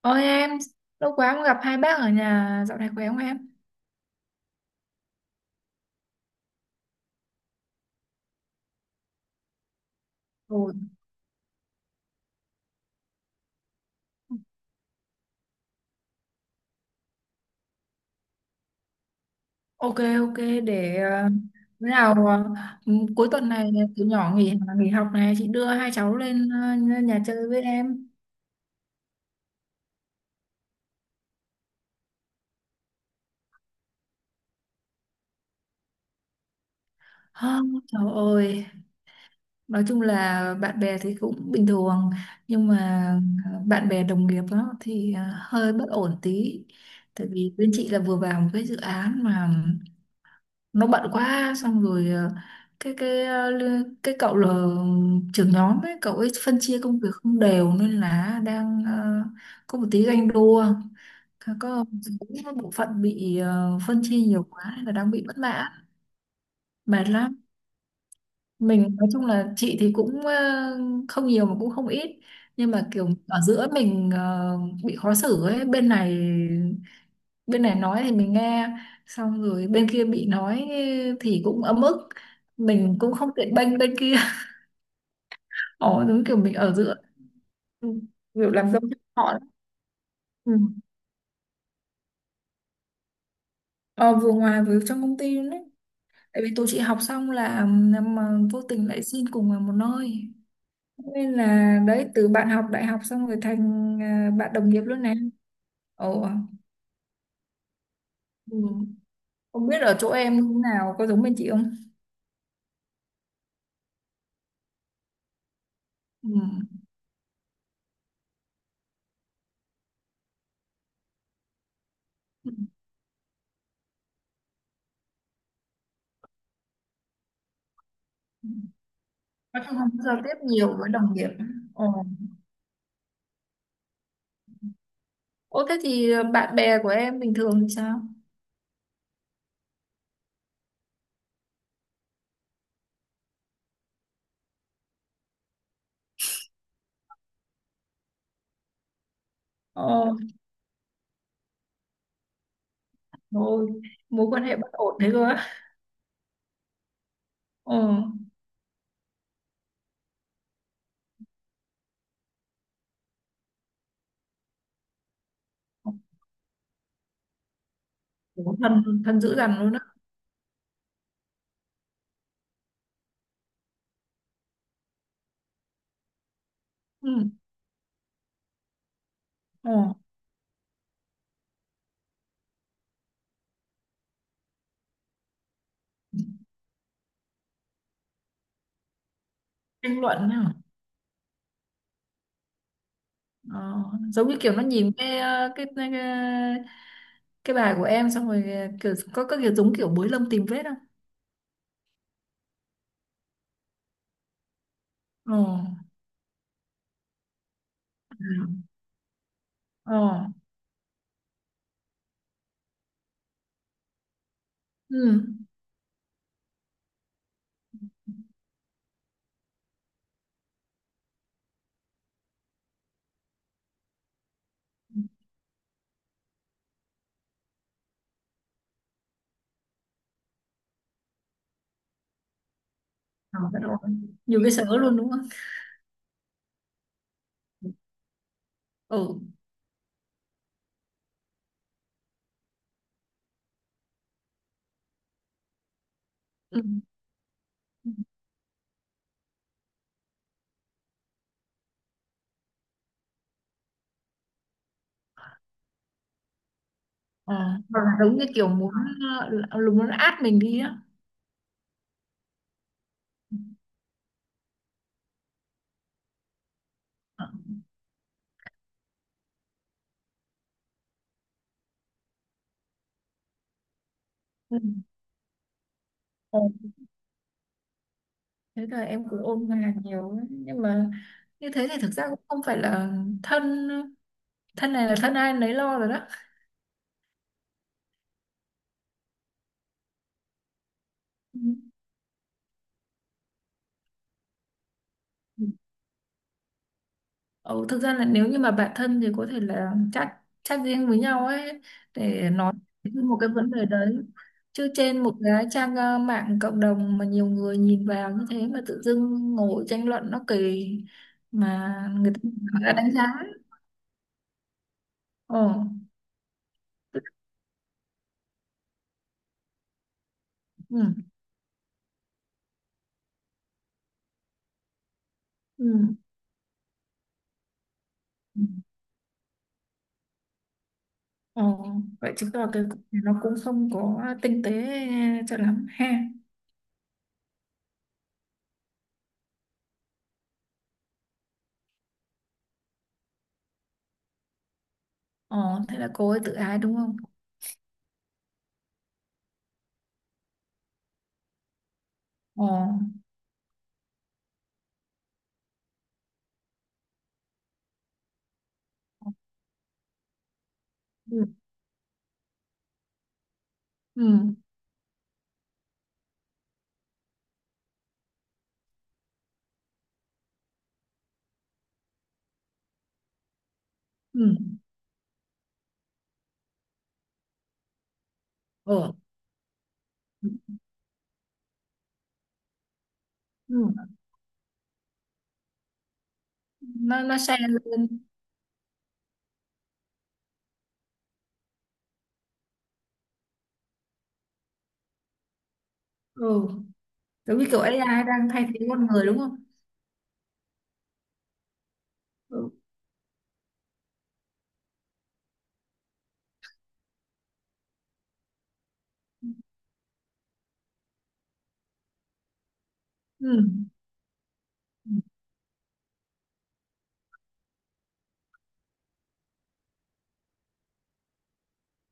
Ôi em, lâu quá không gặp hai bác ở nhà, dạo này khỏe không em? Ừ. Ok, ok, để bữa nào ừ, cuối tuần này tụi nhỏ nghỉ nghỉ học này, chị đưa hai cháu lên nhà chơi với em. Hơ, trời ơi, nói chung là bạn bè thì cũng bình thường, nhưng mà bạn bè đồng nghiệp đó thì hơi bất ổn tí. Tại vì bên chị là vừa vào một cái dự án mà nó bận quá, xong rồi cái cái ờ, li- cái cậu là trưởng nhóm ấy, cậu ấy phân chia công việc không đều nên là đang có một tí ganh đua, có một bộ phận bị phân chia nhiều quá nên là đang bị bất mãn, mệt lắm. Mình nói chung là chị thì cũng không nhiều mà cũng không ít, nhưng mà kiểu ở giữa mình bị khó xử ấy. Bên này, bên này nói thì mình nghe, xong rồi bên kia bị nói thì cũng ấm ức, mình cũng không tiện bênh bên kia. Ồ, đúng kiểu mình ở giữa. Ừ, kiểu làm dâu cho họ đó. Ừ. ờ, vừa ngoài vừa trong công ty luôn đấy, tại vì tụi chị học xong là mà vô tình lại xin cùng vào một nơi, nên là đấy, từ bạn học đại học xong rồi thành à, bạn đồng nghiệp luôn này. Ồ. Ừ. Không biết ở chỗ em như thế nào, có giống bên chị không? Ừ. Nói chung không giao tiếp nhiều với đồng nghiệp. Ồ. Ô thế thì bạn bè của em bình thường thì sao? Ồ, rồi, mối quan hệ bất ổn thế cơ á. Ồ, ủa, thân, thân dữ dằn luôn á. Ừ, ồ, tranh luận hả? Ờ, giống như kiểu nó nhìn cái, ờ, cái bài của em, xong rồi kiểu có kiểu, giống kiểu bới lông tìm vết không? Ồ, ừ, ồ, ừ. Ờ, bất ổn. Nhiều cái sở luôn đúng không? Ừ, ừ. Ờ, hoặc là giống như kiểu muốn là muốn át mình đi á. Ờ, ừ. Ờ. Thế là em cũng ôn hòa nhiều lắm, nhưng mà như thế thì thực ra cũng không phải là thân. Thân này là thân ai nấy lo rồi đó. Ừ. Ừ, thực ra là nếu như mà bạn thân thì có thể là chat chat riêng với nhau ấy, để nói về một cái vấn đề đấy, chứ trên một cái trang mạng cộng đồng mà nhiều người nhìn vào như thế mà tự dưng ngồi tranh luận nó kỳ, mà người ta đánh giá. Ồ, ừ, ừ. Ừ. Ờ, vậy chứng tỏ cái cục này nó cũng không có tinh tế cho lắm ha. Ờ, thế là cô ấy tự ái đúng không? Ờ, ừ, ừ, ừ, ờ, ừ. Nó xe lên, ừ, giống như kiểu AI đang thay thế con người đúng không? Ừ, ừ,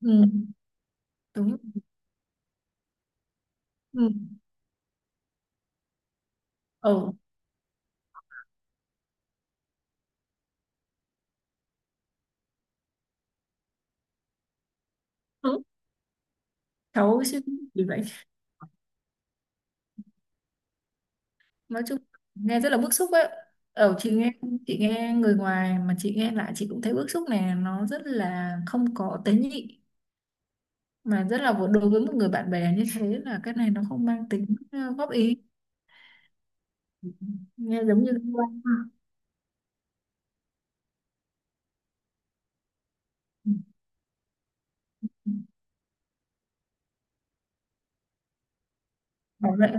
ừ, đúng, ừ, ờ, ừ. Đúng. Cháu suy nghĩ gì vậy? Nói chung nghe rất là bức xúc ấy. Ờ, chị nghe người ngoài, mà chị nghe lại chị cũng thấy bức xúc. Này nó rất là không có tế nhị, mà rất là đối với một người bạn bè như thế, là cái này nó không mang tính góp ý, nghe giống như liên quan ha. Ừ, ừ. Bảo vệ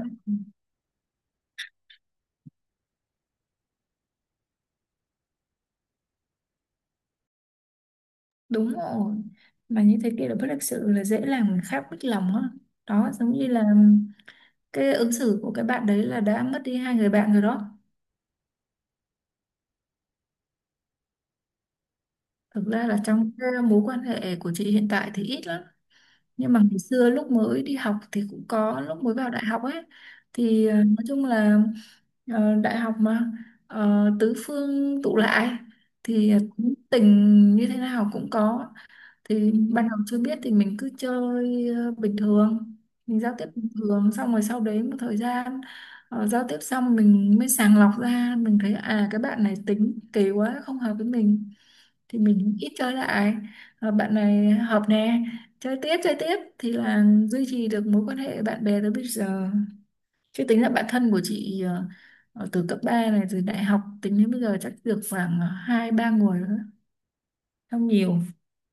đúng rồi. Mà như thế kia là bất lịch sự, là dễ làm người khác mất lòng á. Đó, giống như là cái ứng xử của cái bạn đấy là đã mất đi hai người bạn rồi đó. Thực ra là trong cái mối quan hệ của chị hiện tại thì ít lắm, nhưng mà ngày xưa lúc mới đi học thì cũng có, lúc mới vào đại học ấy, thì nói chung là đại học mà tứ phương tụ lại, thì tính tình như thế nào cũng có. Thì ban đầu chưa biết thì mình cứ chơi bình thường, mình giao tiếp bình thường, xong rồi sau đấy một thời gian giao tiếp xong mình mới sàng lọc ra, mình thấy à cái bạn này tính kỳ quá không hợp với mình, thì mình ít chơi lại. Ờ, bạn này hợp nè, chơi tiếp chơi tiếp, thì là duy trì được mối quan hệ bạn bè tới bây giờ. Chứ tính là bạn thân của chị từ cấp 3 này, từ đại học tính đến bây giờ, chắc được khoảng hai ba người nữa, không nhiều.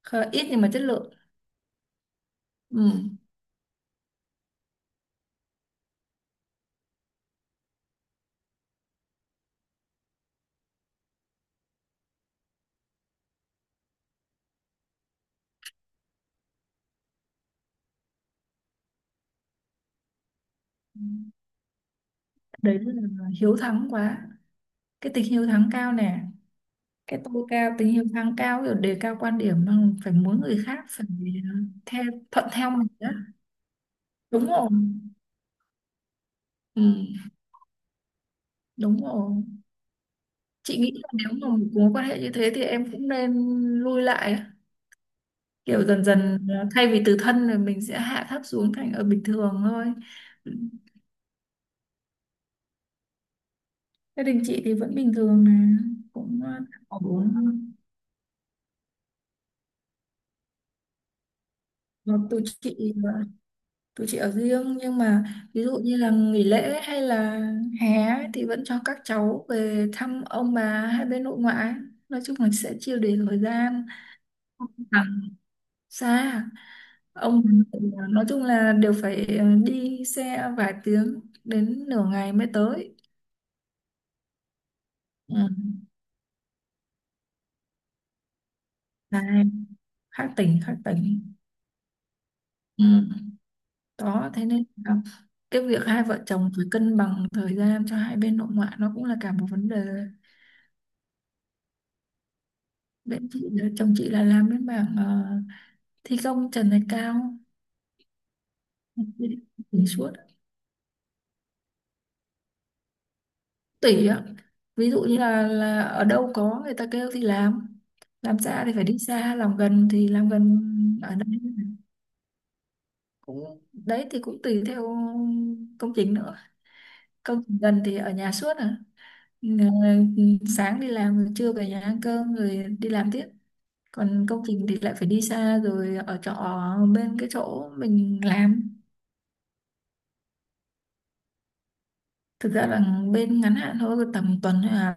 Ít nhưng mà chất lượng. Ừ. Đấy là hiếu thắng quá, cái tính hiếu thắng cao nè, cái tôi cao, tính hiếu thắng cao, kiểu đề cao quan điểm mà phải muốn người khác phải ờ, theo thuận theo mình đó. Đúng rồi. Ừ, đúng rồi, chị nghĩ là nếu mà một mối quan hệ như thế thì em cũng nên lui lại á. Kiểu dần dần thay vì từ thân rồi mình sẽ hạ thấp xuống thành ở bình thường thôi. Ừ. Gia đình chị thì vẫn bình thường nè, cũng ổn. Còn tụi chị, tụi chị ở riêng, nhưng mà ví dụ như là nghỉ lễ hay là hè ấy, thì vẫn cho các cháu về thăm ông bà hai bên nội ngoại, nói chung là sẽ chia đều thời gian. À, xa. Ông, nói chung là đều phải đi xe vài tiếng đến nửa ngày mới tới. Ừ. Này, khác tỉnh khác tỉnh. Ừ. Đó thế nên là cái việc hai vợ chồng phải cân bằng thời gian cho hai bên nội ngoại nó cũng là cả một vấn đề. Bên chị chồng chị là làm bên mảng thi công trần này cao đỉnh suốt tỷ á. Ví dụ như là ở đâu có người ta kêu thì làm xa thì phải đi xa, làm gần thì làm gần. Ở đây cũng đấy, thì cũng tùy theo công trình nữa. Công trình gần thì ở nhà suốt à. Ờ, sáng đi làm rồi trưa về nhà ăn cơm rồi đi làm tiếp. Còn công trình thì lại phải đi xa rồi ở trọ bên cái chỗ mình làm. Thực ra là bên ngắn hạn thôi, tầm tuần thôi à,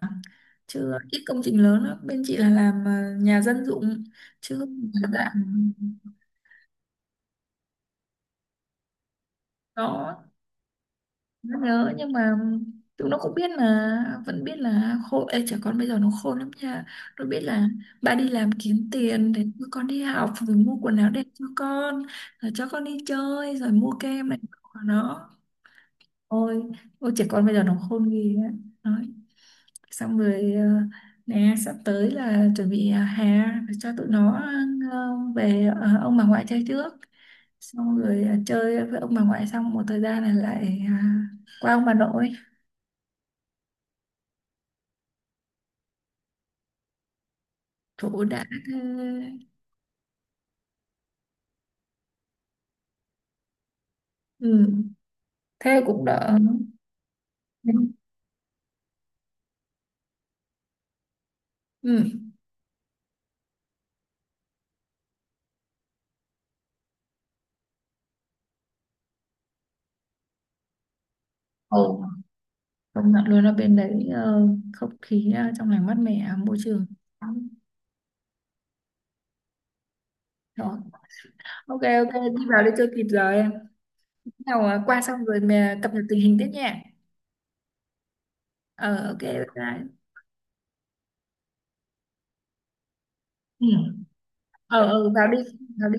chứ ít công trình lớn lắm. Bên chị là làm nhà dân dụng. Chứ mà dạng đó, nó nhớ nhưng mà tụi nó cũng biết là, vẫn biết là khôn. Ê, trẻ con bây giờ nó khôn lắm nha. Nó biết là ba đi làm kiếm tiền để cho con đi học, rồi mua quần áo đẹp cho con, rồi cho con đi chơi, rồi mua kem này của nó. Ôi, ôi trẻ con bây giờ nó khôn ghê á, nói xong rồi nè sắp tới là chuẩn bị hè cho tụi nó về ông bà ngoại chơi trước, xong rồi chơi với ông bà ngoại xong một thời gian là lại qua ông bà nội. Thủ đã thế. Ừ. Thế cũng đỡ. Ừ. Ồ, công nhận luôn ở bên đấy không khí trong lành mát mẻ môi trường. Rồi, ok ok đi vào đi cho kịp giờ em nào, à, qua xong rồi mà cập nhật tình hình tiếp nha. Ờ, ok, bye bye. Ừ. Ờ, ờ, vào đi vào đi.